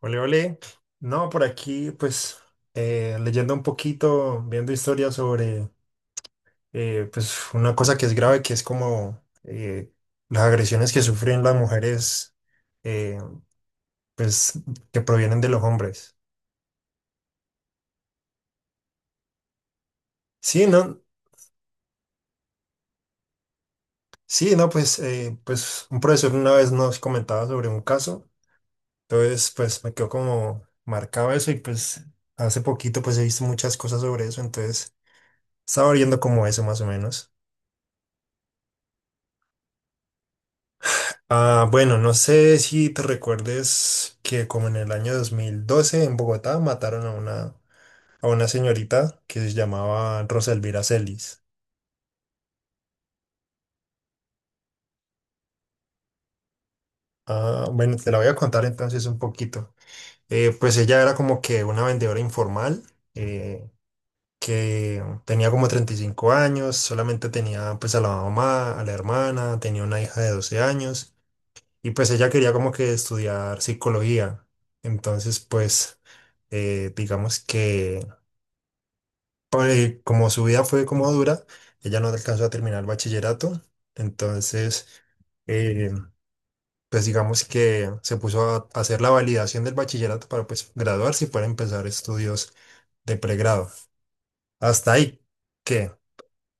Ole, ole. No, por aquí, pues, leyendo un poquito, viendo historias sobre, pues, una cosa que es grave, que es como las agresiones que sufren las mujeres, eh, pues, que provienen de los hombres. Sí, no, sí, no, pues, pues, un profesor una vez nos comentaba sobre un caso, entonces, pues, me quedó como marcado eso y, pues, hace poquito, pues, he visto muchas cosas sobre eso, entonces, estaba viendo como eso, más o menos. Ah, bueno, no sé si te recuerdes que como en el año 2012 en Bogotá mataron a una señorita que se llamaba Rosa Elvira Celis. Ah, bueno, te la voy a contar entonces un poquito. Pues ella era como que una vendedora informal eh, que tenía como 35 años, solamente tenía pues a la mamá, a la hermana, tenía una hija de 12 años y pues ella quería como que estudiar psicología. Entonces pues digamos que porque como su vida fue como dura, ella no alcanzó a terminar el bachillerato, entonces, eh, pues digamos que se puso a hacer la validación del bachillerato para pues graduarse y poder empezar estudios de pregrado. Hasta ahí, ¿qué?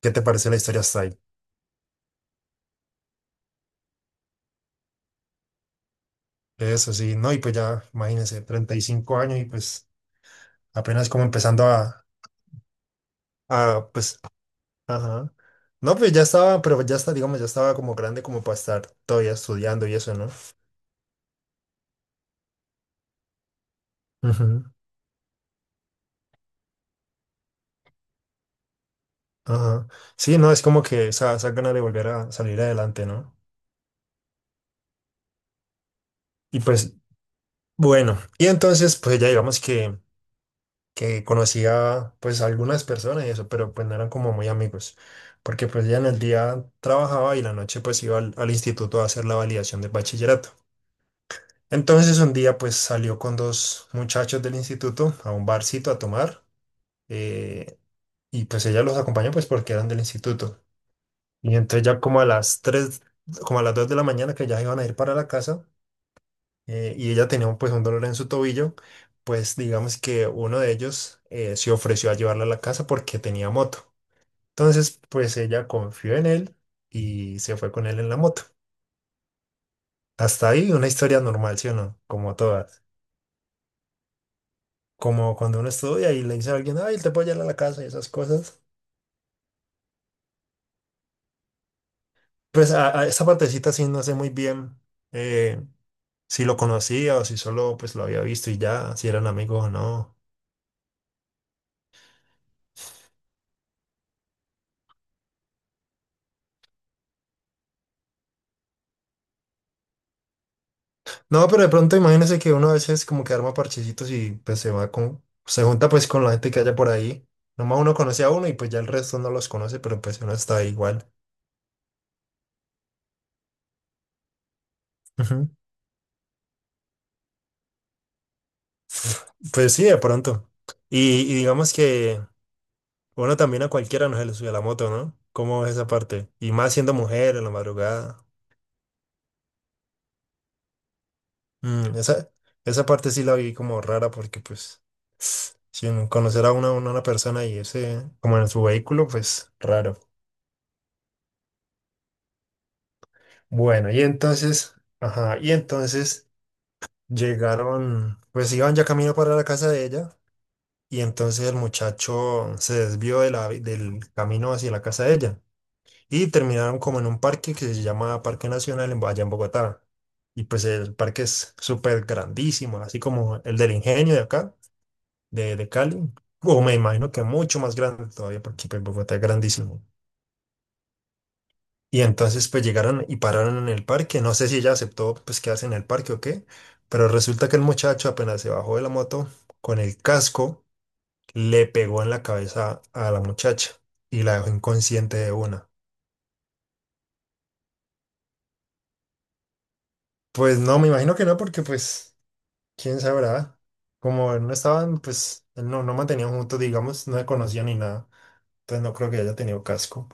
¿Qué te parece la historia hasta ahí? Eso sí, no, y pues ya, imagínense, 35 años y pues apenas como empezando a pues, ajá. No, pues ya estaba, pero ya está, digamos, ya estaba como grande como para estar todavía estudiando y eso, ¿no? Ujú. Ajá. Sí, no, es como que esa gana de volver a salir adelante, ¿no? Y pues, bueno, y entonces, pues ya digamos que conocía pues a pues, algunas personas y eso, pero pues no eran como muy amigos, porque pues ya en el día trabajaba y la noche pues iba al, al instituto a hacer la validación del bachillerato. Entonces un día pues salió con dos muchachos del instituto a un barcito a tomar eh, y pues ella los acompañó pues porque eran del instituto. Y entonces ya como a las 3 como a las 2 de la mañana que ya iban a ir para la casa y ella tenía un, pues un dolor en su tobillo, pues digamos que uno de ellos se ofreció a llevarla a la casa porque tenía moto. Entonces pues ella confió en él y se fue con él en la moto. Hasta ahí una historia normal, ¿sí o no? Como todas. Como cuando uno estudia y le dice a alguien, ay, te puedo llevar a la casa y esas cosas. Pues a esa partecita sí no sé muy bien. eh, si lo conocía o si solo pues lo había visto y ya, si eran amigos o no. No, pero de pronto imagínese que uno a veces como que arma parchecitos y pues se va con, se junta pues con la gente que haya por ahí. Nomás uno conoce a uno y pues ya el resto no los conoce, pero pues uno está ahí igual. Ujú. Pues sí, de pronto. Y digamos que uno también a cualquiera nos se le sube la moto, ¿no? ¿Cómo es esa parte? Y más siendo mujer en la madrugada. Esa, esa parte sí la vi como rara porque pues sin conocer a una persona y ese como en su vehículo, pues raro. Bueno, y entonces, ajá, y entonces llegaron, pues iban ya camino para la casa de ella y entonces el muchacho se desvió de la, del camino hacia la casa de ella y terminaron como en un parque que se llama Parque Nacional allá en Bogotá. Y pues el parque es súper grandísimo, así como el del Ingenio de acá de Cali, o me imagino que mucho más grande todavía, porque pues, Bogotá es grandísimo. Y entonces pues llegaron y pararon en el parque, no sé si ella aceptó pues quedarse en el parque o qué, pero resulta que el muchacho apenas se bajó de la moto, con el casco le pegó en la cabeza a la muchacha y la dejó inconsciente de una. Pues no, me imagino que no, porque pues, quién sabrá, como no estaban, pues, no, no mantenían juntos, digamos, no se conocían ni nada, entonces no creo que haya tenido casco.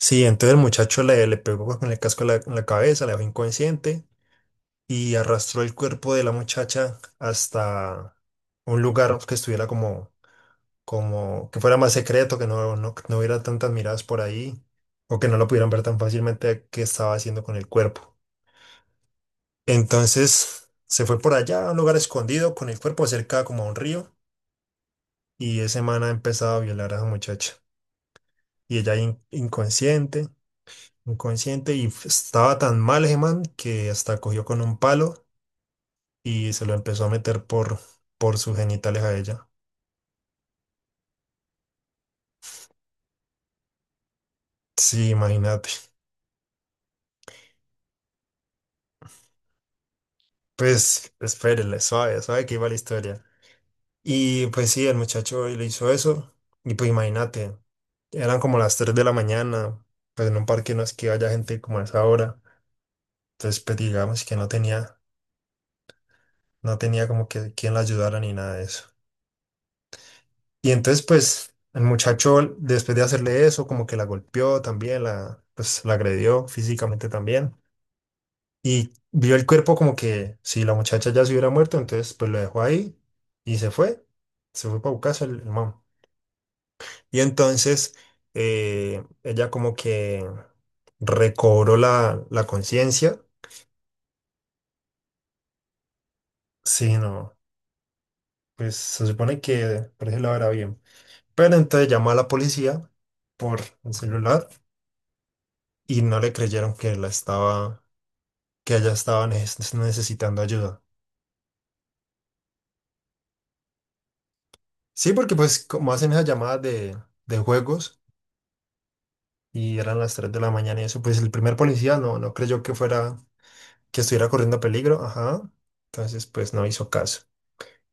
Sí, entonces el muchacho le pegó pues, con el casco en en la cabeza, la dejó inconsciente y arrastró el cuerpo de la muchacha hasta un lugar que estuviera como, como que fuera más secreto, que no, no, no hubiera tantas miradas por ahí o que no lo pudieran ver tan fácilmente qué estaba haciendo con el cuerpo. Entonces se fue por allá a un lugar escondido con el cuerpo cerca como a un río y ese man ha empezado a violar a esa muchacha y ella inconsciente. Inconsciente y estaba tan mal ese man que hasta cogió con un palo y se lo empezó a meter por sus genitales a ella. Sí, imagínate. Pues espérele, suave, suave que iba la historia. Y pues sí, el muchacho le hizo eso y pues imagínate, eran como las 3 de la mañana, pues en un parque no es que haya gente como a esa hora. Entonces pues digamos que no tenía, no tenía como que quien la ayudara ni nada de eso. Y entonces, pues, el muchacho, después de hacerle eso, como que la golpeó también, la, pues, la agredió físicamente también. Y vio el cuerpo como que si la muchacha ya se hubiera muerto, entonces, pues, lo dejó ahí y se fue. Se fue para Bucaso el man. Y entonces, ella como que recobró la conciencia. Sí, no, pues, se supone que por eso lo era bien. Pero entonces llamó a la policía por el celular y no le creyeron que la estaba que haya estado necesitando ayuda. Sí, porque pues como hacen esas llamadas de juegos y eran las 3 de la mañana y eso, pues el primer policía no, no creyó que fuera, que estuviera corriendo peligro, ajá. Entonces pues no hizo caso.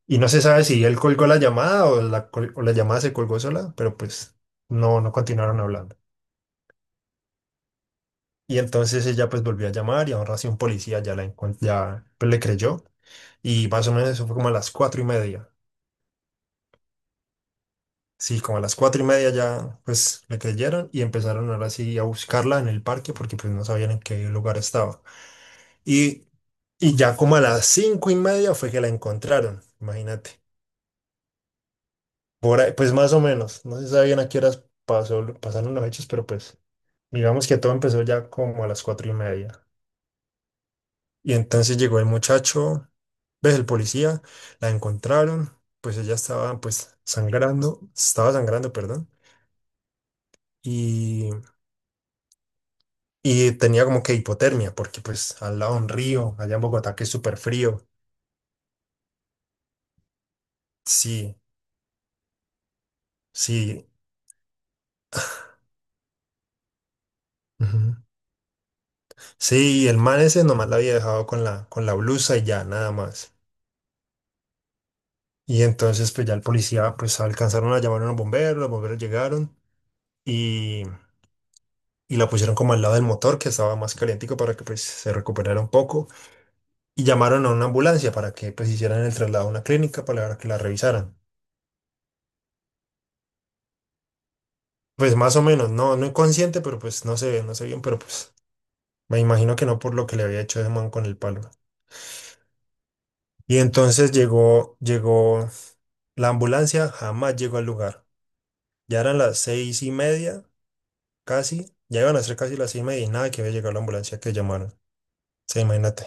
Y no se sabe si él colgó la llamada o o la llamada se colgó sola, pero pues no, no continuaron hablando. Y entonces ella pues volvió a llamar y ahora sí un policía ya la ya pues, le creyó. Y más o menos eso fue como a las 4:30. Sí, como a las cuatro y media ya pues le creyeron y empezaron ahora sí a buscarla en el parque porque pues no sabían en qué lugar estaba. Y, y ya como a las 5:30 fue que la encontraron, imagínate. Por ahí, pues más o menos, no se sabían a qué horas pasó, pasaron los hechos, pero pues digamos que todo empezó ya como a las 4:30. Y entonces llegó el muchacho, ves el policía, la encontraron, pues ella estaba pues sangrando, estaba sangrando, perdón. Y y tenía como que hipotermia, porque pues al lado un río, allá en Bogotá, que es súper frío. Sí, sí. Ujú. Sí, el man ese nomás la había dejado con la blusa y ya, nada más. Y entonces pues ya el policía, pues alcanzaron a llamar a los bomberos llegaron y, y la pusieron como al lado del motor, que estaba más calientico para que pues se recuperara un poco. Y llamaron a una ambulancia para que pues hicieran el traslado a una clínica para que la revisaran. Pues más o menos, no, no inconsciente, pero pues no se ve, no sé bien, pero pues me imagino que no por lo que le había hecho ese man con el palo. Y entonces llegó la ambulancia, jamás llegó al lugar. Ya eran las 6:30, casi. Ya iban a ser casi las 6:30 y nada que había llegado la ambulancia que llamaron. Se imagínate.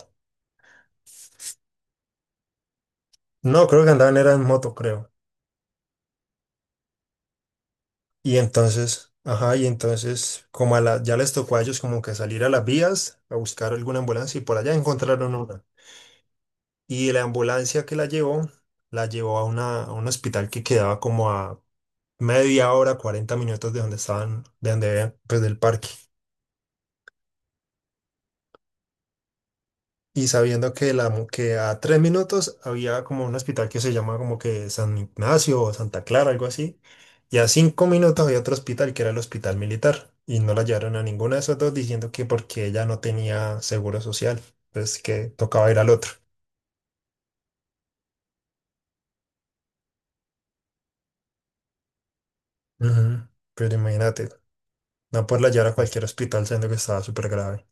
No, creo que andaban era en moto, creo. Y entonces, ajá, y entonces, como a la, ya les tocó a ellos como que salir a las vías a buscar alguna ambulancia y por allá encontraron una. Y la ambulancia que la llevó a, una, a un hospital que quedaba como a media hora, 40 minutos de donde estaban, de donde habían, pues del parque. Y sabiendo que, la, que a 3 minutos había como un hospital que se llama como que San Ignacio o Santa Clara, algo así. Y a 5 minutos había otro hospital que era el hospital militar. Y no la llevaron a ninguno de esos dos diciendo que porque ella no tenía seguro social. Pues que tocaba ir al otro. Ujú. Pero imagínate, no poderla llevar a cualquier hospital siendo que estaba súper grave.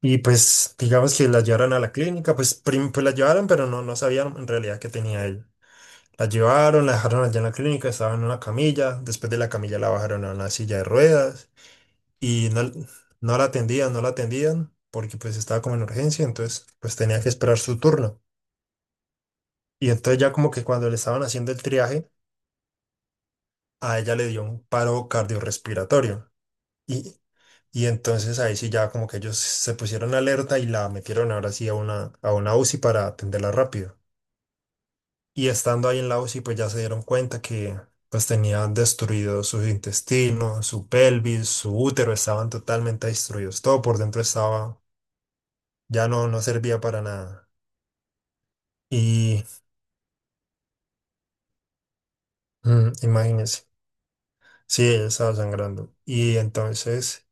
Y pues digamos que la llevaron a la clínica, pues, pues la llevaron, pero no, no sabían en realidad qué tenía ella. La llevaron, la dejaron allá en la clínica, estaba en una camilla, después de la camilla la bajaron a una silla de ruedas y no, no la atendían, no la atendían porque pues estaba como en urgencia, entonces pues tenía que esperar su turno. Y entonces ya como que cuando le estaban haciendo el triaje, a ella le dio un paro cardiorrespiratorio y, y entonces ahí sí ya como que ellos se pusieron alerta y la metieron ahora sí a a una UCI para atenderla rápido. Y estando ahí en la UCI, pues ya se dieron cuenta que pues tenía destruidos sus intestinos, su pelvis, su útero, estaban totalmente destruidos. Todo por dentro estaba, ya no, no servía para nada. Y imagínense, sí, ella estaba sangrando. Y entonces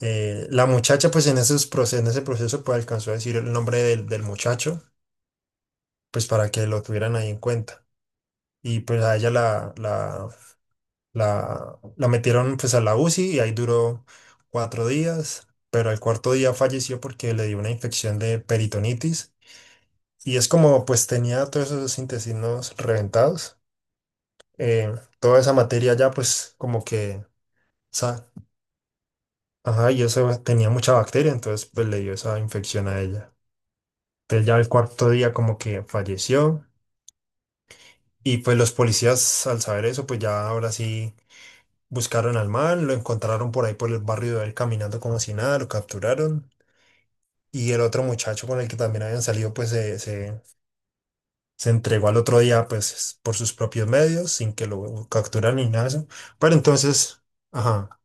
la muchacha, pues en ese proceso, pues alcanzó a decir el nombre del muchacho, pues para que lo tuvieran ahí en cuenta. Y pues a ella la metieron pues a la UCI y ahí duró 4 días, pero al cuarto día falleció porque le dio una infección de peritonitis y es como pues tenía todos esos intestinos reventados, eh, toda esa materia ya pues como que, sa- ajá, y eso tenía mucha bacteria, entonces pues le dio esa infección a ella. Entonces ya el cuarto día como que falleció y pues los policías al saber eso pues ya ahora sí buscaron al man, lo encontraron por ahí por el barrio de él caminando como si nada, lo capturaron. Y el otro muchacho con el que también habían salido, pues se entregó al otro día, pues por sus propios medios, sin que lo capturaran ni nada de eso. Pero entonces, ajá,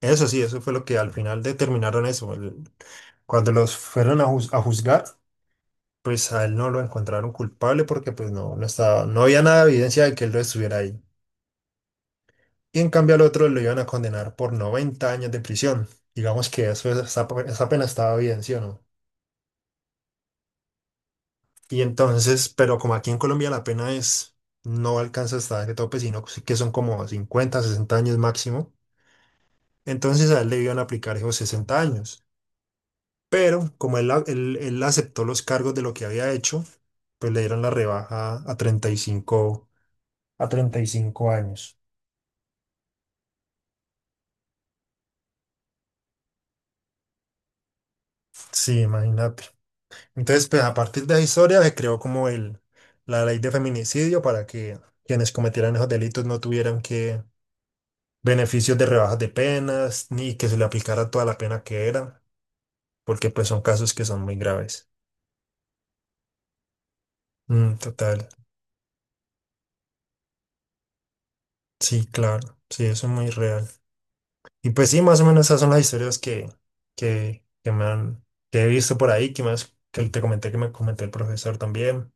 eso sí, eso fue lo que al final determinaron eso. Cuando los fueron a juzgar, pues a él no lo encontraron culpable porque pues no, no estaba, no había nada de evidencia de que él lo estuviera ahí. Y en cambio al otro lo iban a condenar por 90 años de prisión. Digamos que eso, esa, esa pena estaba bien, ¿sí o no? Y entonces, pero como aquí en Colombia la pena es, no alcanza hasta ese tope, sino sí que son como 50 60 años máximo, entonces a él le iban a aplicar esos 60 años. Pero como él aceptó los cargos de lo que había hecho, pues le dieron la rebaja a 35 a 35 años. Sí, imagínate. Entonces, pues, a partir de esa historia se creó como la ley de feminicidio para que quienes cometieran esos delitos no tuvieran que beneficios de rebajas de penas, ni que se le aplicara toda la pena que era, porque pues son casos que son muy graves. Total, sí, claro, sí, eso es muy real. Y pues sí, más o menos esas son las historias que, que me han, que he visto por ahí, que más, que te comenté que me comentó el profesor también.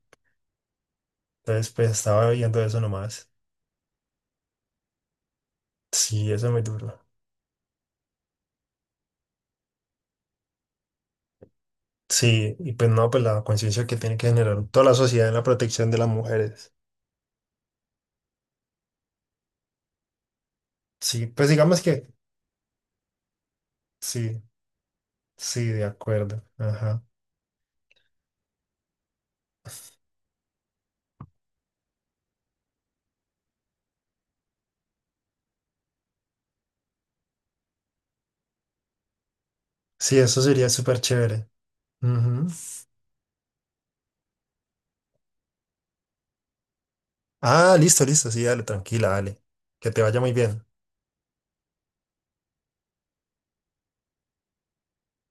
Entonces, pues estaba viendo eso nomás. Sí, eso es muy duro. Sí, y pues no, pues la conciencia que tiene que generar toda la sociedad en la protección de las mujeres. Sí, pues digamos que sí, sí, de acuerdo. Ajá. Sí, eso sería súper chévere. Ujú. Ah, listo, listo, sí, dale, tranquila, dale. Que te vaya muy bien.